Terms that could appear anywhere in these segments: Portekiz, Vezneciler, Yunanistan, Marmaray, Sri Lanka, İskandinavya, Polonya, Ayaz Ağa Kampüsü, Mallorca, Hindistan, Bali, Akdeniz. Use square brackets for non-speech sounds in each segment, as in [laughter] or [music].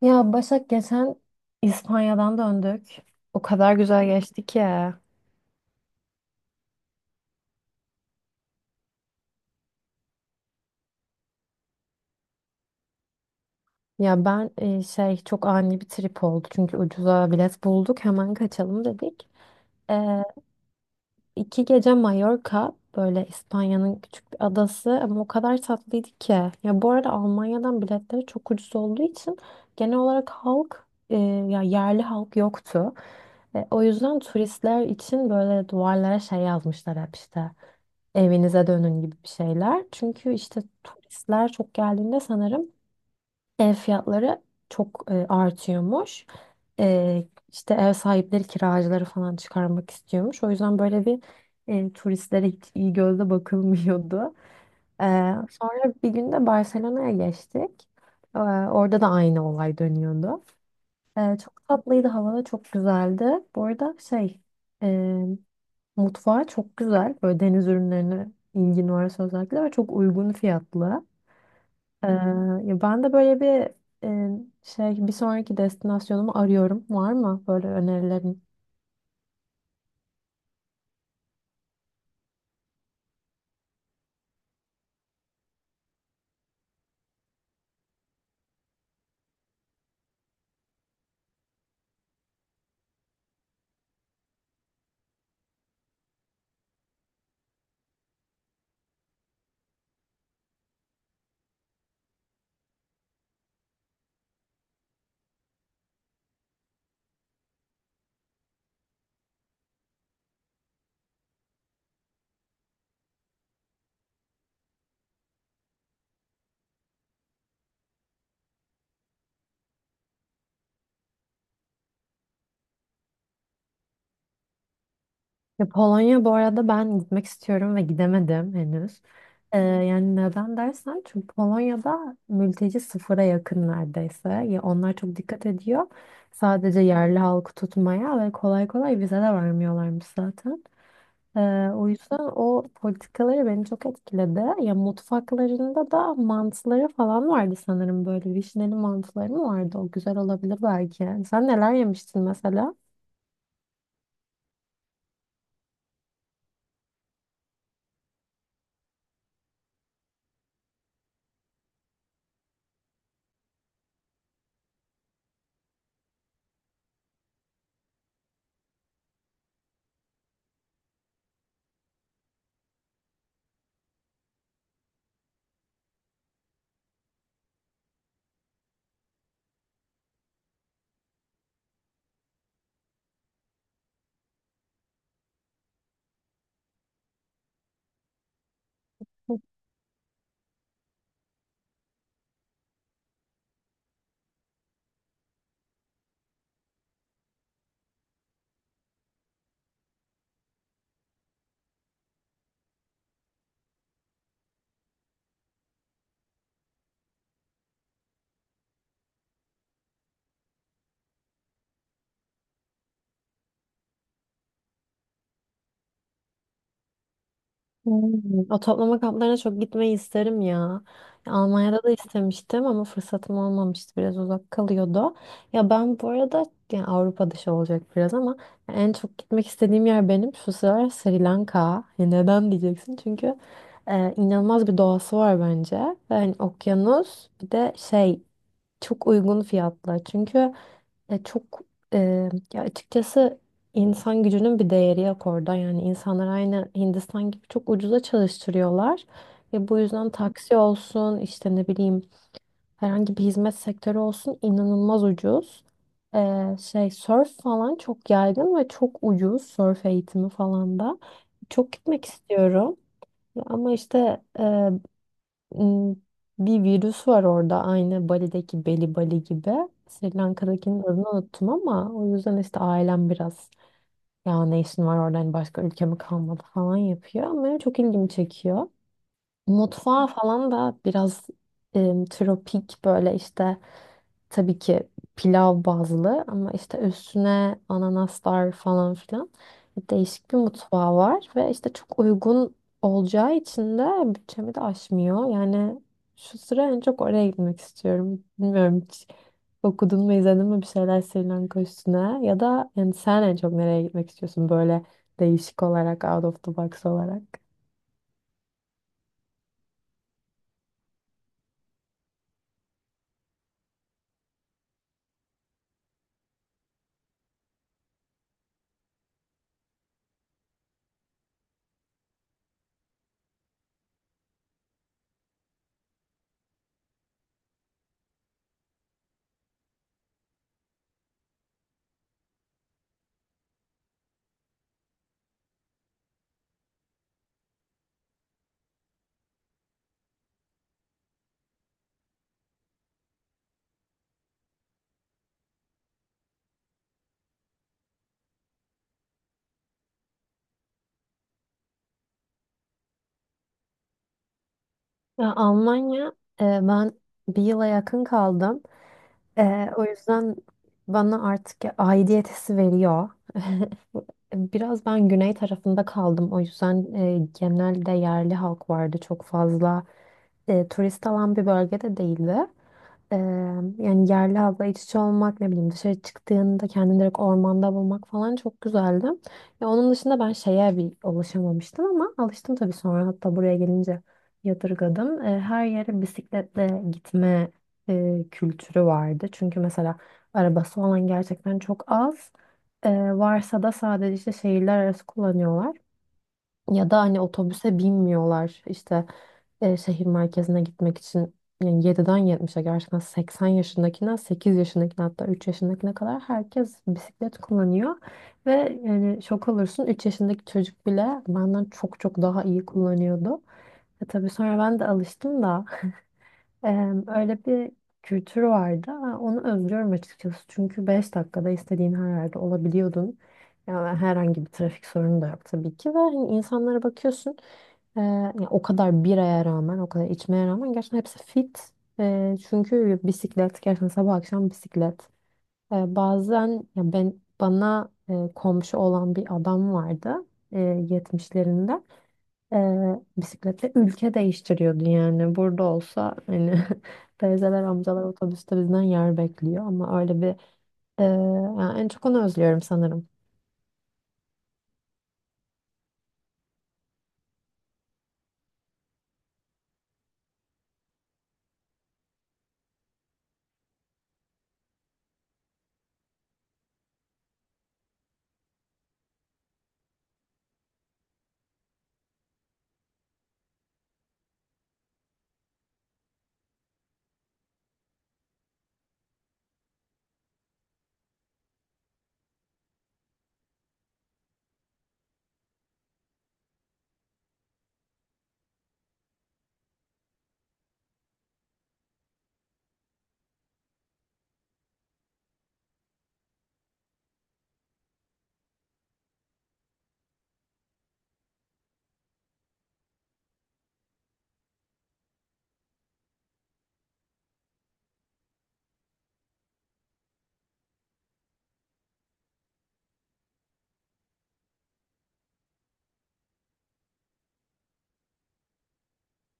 Ya Başak geçen İspanya'dan döndük. O kadar güzel geçti ki. Ya ben e, şey çok ani bir trip oldu. Çünkü ucuza bilet bulduk. Hemen kaçalım dedik. E, İki gece Mallorca böyle İspanya'nın küçük bir adası ama o kadar tatlıydı ki. Ya bu arada Almanya'dan biletleri çok ucuz olduğu için genel olarak halk e, ya yerli halk yoktu. O yüzden turistler için böyle duvarlara şey yazmışlar hep işte evinize dönün gibi bir şeyler. Çünkü işte turistler çok geldiğinde sanırım ev fiyatları çok artıyormuş. E, işte ev sahipleri kiracıları falan çıkarmak istiyormuş. O yüzden turistlere hiç iyi gözle bakılmıyordu. E, Sonra bir gün de Barcelona'ya geçtik. Orada da aynı olay dönüyordu. Çok tatlıydı, hava da çok güzeldi. Bu arada şey e, Mutfağı çok güzel. Böyle deniz ürünlerine ilgin varsa özellikle ve çok uygun fiyatlı. Ee, Ya ben de böyle bir e, şey bir sonraki destinasyonumu arıyorum. Var mı böyle önerilerin? Ya Polonya bu arada ben gitmek istiyorum ve gidemedim henüz. Yani neden dersen çünkü Polonya'da mülteci sıfıra yakın neredeyse. Ya onlar çok dikkat ediyor. Sadece yerli halkı tutmaya ve kolay kolay vize de vermiyorlarmış zaten. Ee, O yüzden o politikaları beni çok etkiledi. Ya mutfaklarında da mantıları falan vardı sanırım böyle vişneli mantıları mı vardı? O güzel olabilir belki. Sen neler yemiştin mesela? Hmm, o toplama kamplarına çok gitmeyi isterim ya. Almanya'da da istemiştim ama fırsatım olmamıştı. Biraz uzak kalıyordu. Ya ben bu arada yani Avrupa dışı olacak biraz ama en çok gitmek istediğim yer benim şu sıralar Sri Lanka. Ya neden diyeceksin? Çünkü inanılmaz bir doğası var bence. Yani okyanus bir de çok uygun fiyatlı. Çünkü e, çok e, ya açıkçası insan gücünün bir değeri yok orada. Yani insanlar aynı Hindistan gibi çok ucuza çalıştırıyorlar. Ve bu yüzden taksi olsun işte ne bileyim herhangi bir hizmet sektörü olsun inanılmaz ucuz. Surf falan çok yaygın ve çok ucuz surf eğitimi falan da. Çok gitmek istiyorum. Ama işte m, bir virüs var orada aynı Bali'deki Beli Bali gibi. Sri Lanka'dakinin adını unuttum ama o yüzden işte ailem biraz ya ne işin var orada hani başka ülke mi kalmadı falan yapıyor ama benim çok ilgimi çekiyor. Mutfağı falan da biraz tropik böyle işte tabii ki pilav bazlı ama işte üstüne ananaslar falan filan değişik bir mutfağı var ve işte çok uygun olacağı için de bütçemi de aşmıyor. Yani şu sıra en çok oraya gitmek istiyorum. Bilmiyorum hiç okudun mu izledin mi bir şeyler Sri Lanka üstüne ya da yani sen en çok nereye gitmek istiyorsun böyle değişik olarak out of the box olarak? Ya Almanya, ben bir yıla yakın kaldım. O yüzden bana artık aidiyet hissi veriyor. [laughs] Biraz ben güney tarafında kaldım. O yüzden genelde yerli halk vardı çok fazla. Turist alan bir bölgede değildi. Ee, Yani yerli halkla iç içe olmak ne bileyim dışarı çıktığında kendini direkt ormanda bulmak falan çok güzeldi. Ya onun dışında ben şeye bir alışamamıştım ama alıştım tabii sonra hatta buraya gelince yadırgadım. Her yere bisikletle gitme kültürü vardı. Çünkü mesela arabası olan gerçekten çok az. Ee, Varsa da sadece işte şehirler arası kullanıyorlar. Ya da hani otobüse binmiyorlar işte şehir merkezine gitmek için yani 7'den 70'e gerçekten 80 yaşındakinden 8 yaşındakine hatta 3 yaşındakine kadar herkes bisiklet kullanıyor. Ve yani şok olursun 3 yaşındaki çocuk bile benden çok daha iyi kullanıyordu. E tabii sonra ben de alıştım da Eee, Öyle bir kültür vardı. Onu özlüyorum açıkçası. Çünkü 5 dakikada istediğin her yerde olabiliyordun. Yani herhangi bir trafik sorunu da yok tabii ki. Ve hani insanlara bakıyorsun. Yani o kadar biraya rağmen, o kadar içmeye rağmen gerçekten hepsi fit. Çünkü bisiklet, gerçekten sabah akşam bisiklet. Bazen ya ben bana komşu olan bir adam vardı, eee, 70'lerinde. Bisikletle ülke değiştiriyordu yani. Burada olsa hani [laughs] teyzeler, amcalar otobüste bizden yer bekliyor ama öyle bir e, Yani en çok onu özlüyorum sanırım.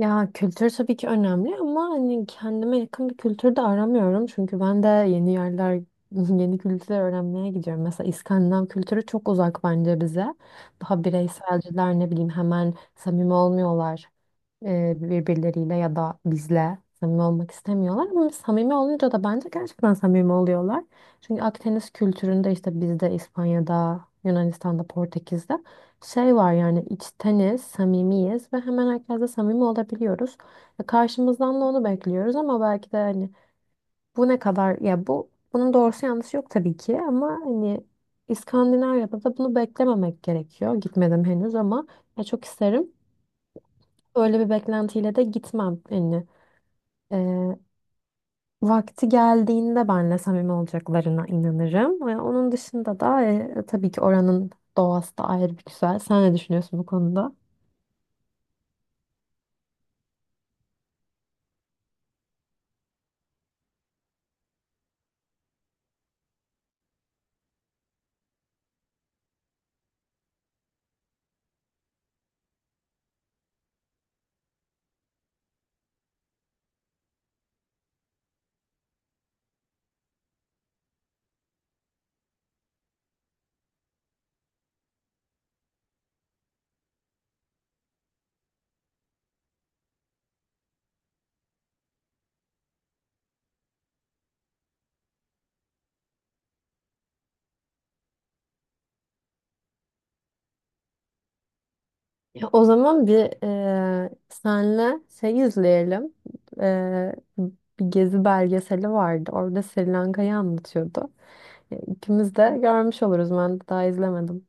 Ya kültür tabii ki önemli ama hani kendime yakın bir kültür de aramıyorum. Çünkü ben de yeni yerler, [laughs] yeni kültürler öğrenmeye gidiyorum. Mesela İskandinav kültürü çok uzak bence bize. Daha bireyselciler ne bileyim hemen samimi olmuyorlar. Birbirleriyle ya da bizle samimi olmak istemiyorlar. Ama samimi olunca da bence gerçekten samimi oluyorlar. Çünkü Akdeniz kültüründe işte bizde İspanya'da, Yunanistan'da, Portekiz'de şey var yani içteniz, samimiyiz ve hemen herkesle samimi olabiliyoruz. Ya karşımızdan da onu bekliyoruz ama belki de hani bu ne kadar ya bu bunun doğrusu yanlışı yok tabii ki ama hani İskandinavya'da da bunu beklememek gerekiyor. Gitmedim henüz ama ya çok isterim. Öyle bir beklentiyle de gitmem. Yani e, vakti geldiğinde benle samimi olacaklarına inanırım. Ve onun dışında da tabii ki oranın doğası da ayrı bir güzel. Sen ne düşünüyorsun bu konuda? Ya o zaman bir senle şey izleyelim. Eee, Bir gezi belgeseli vardı. Orada Sri Lanka'yı anlatıyordu. Ya, İkimiz de görmüş oluruz. Ben daha izlemedim.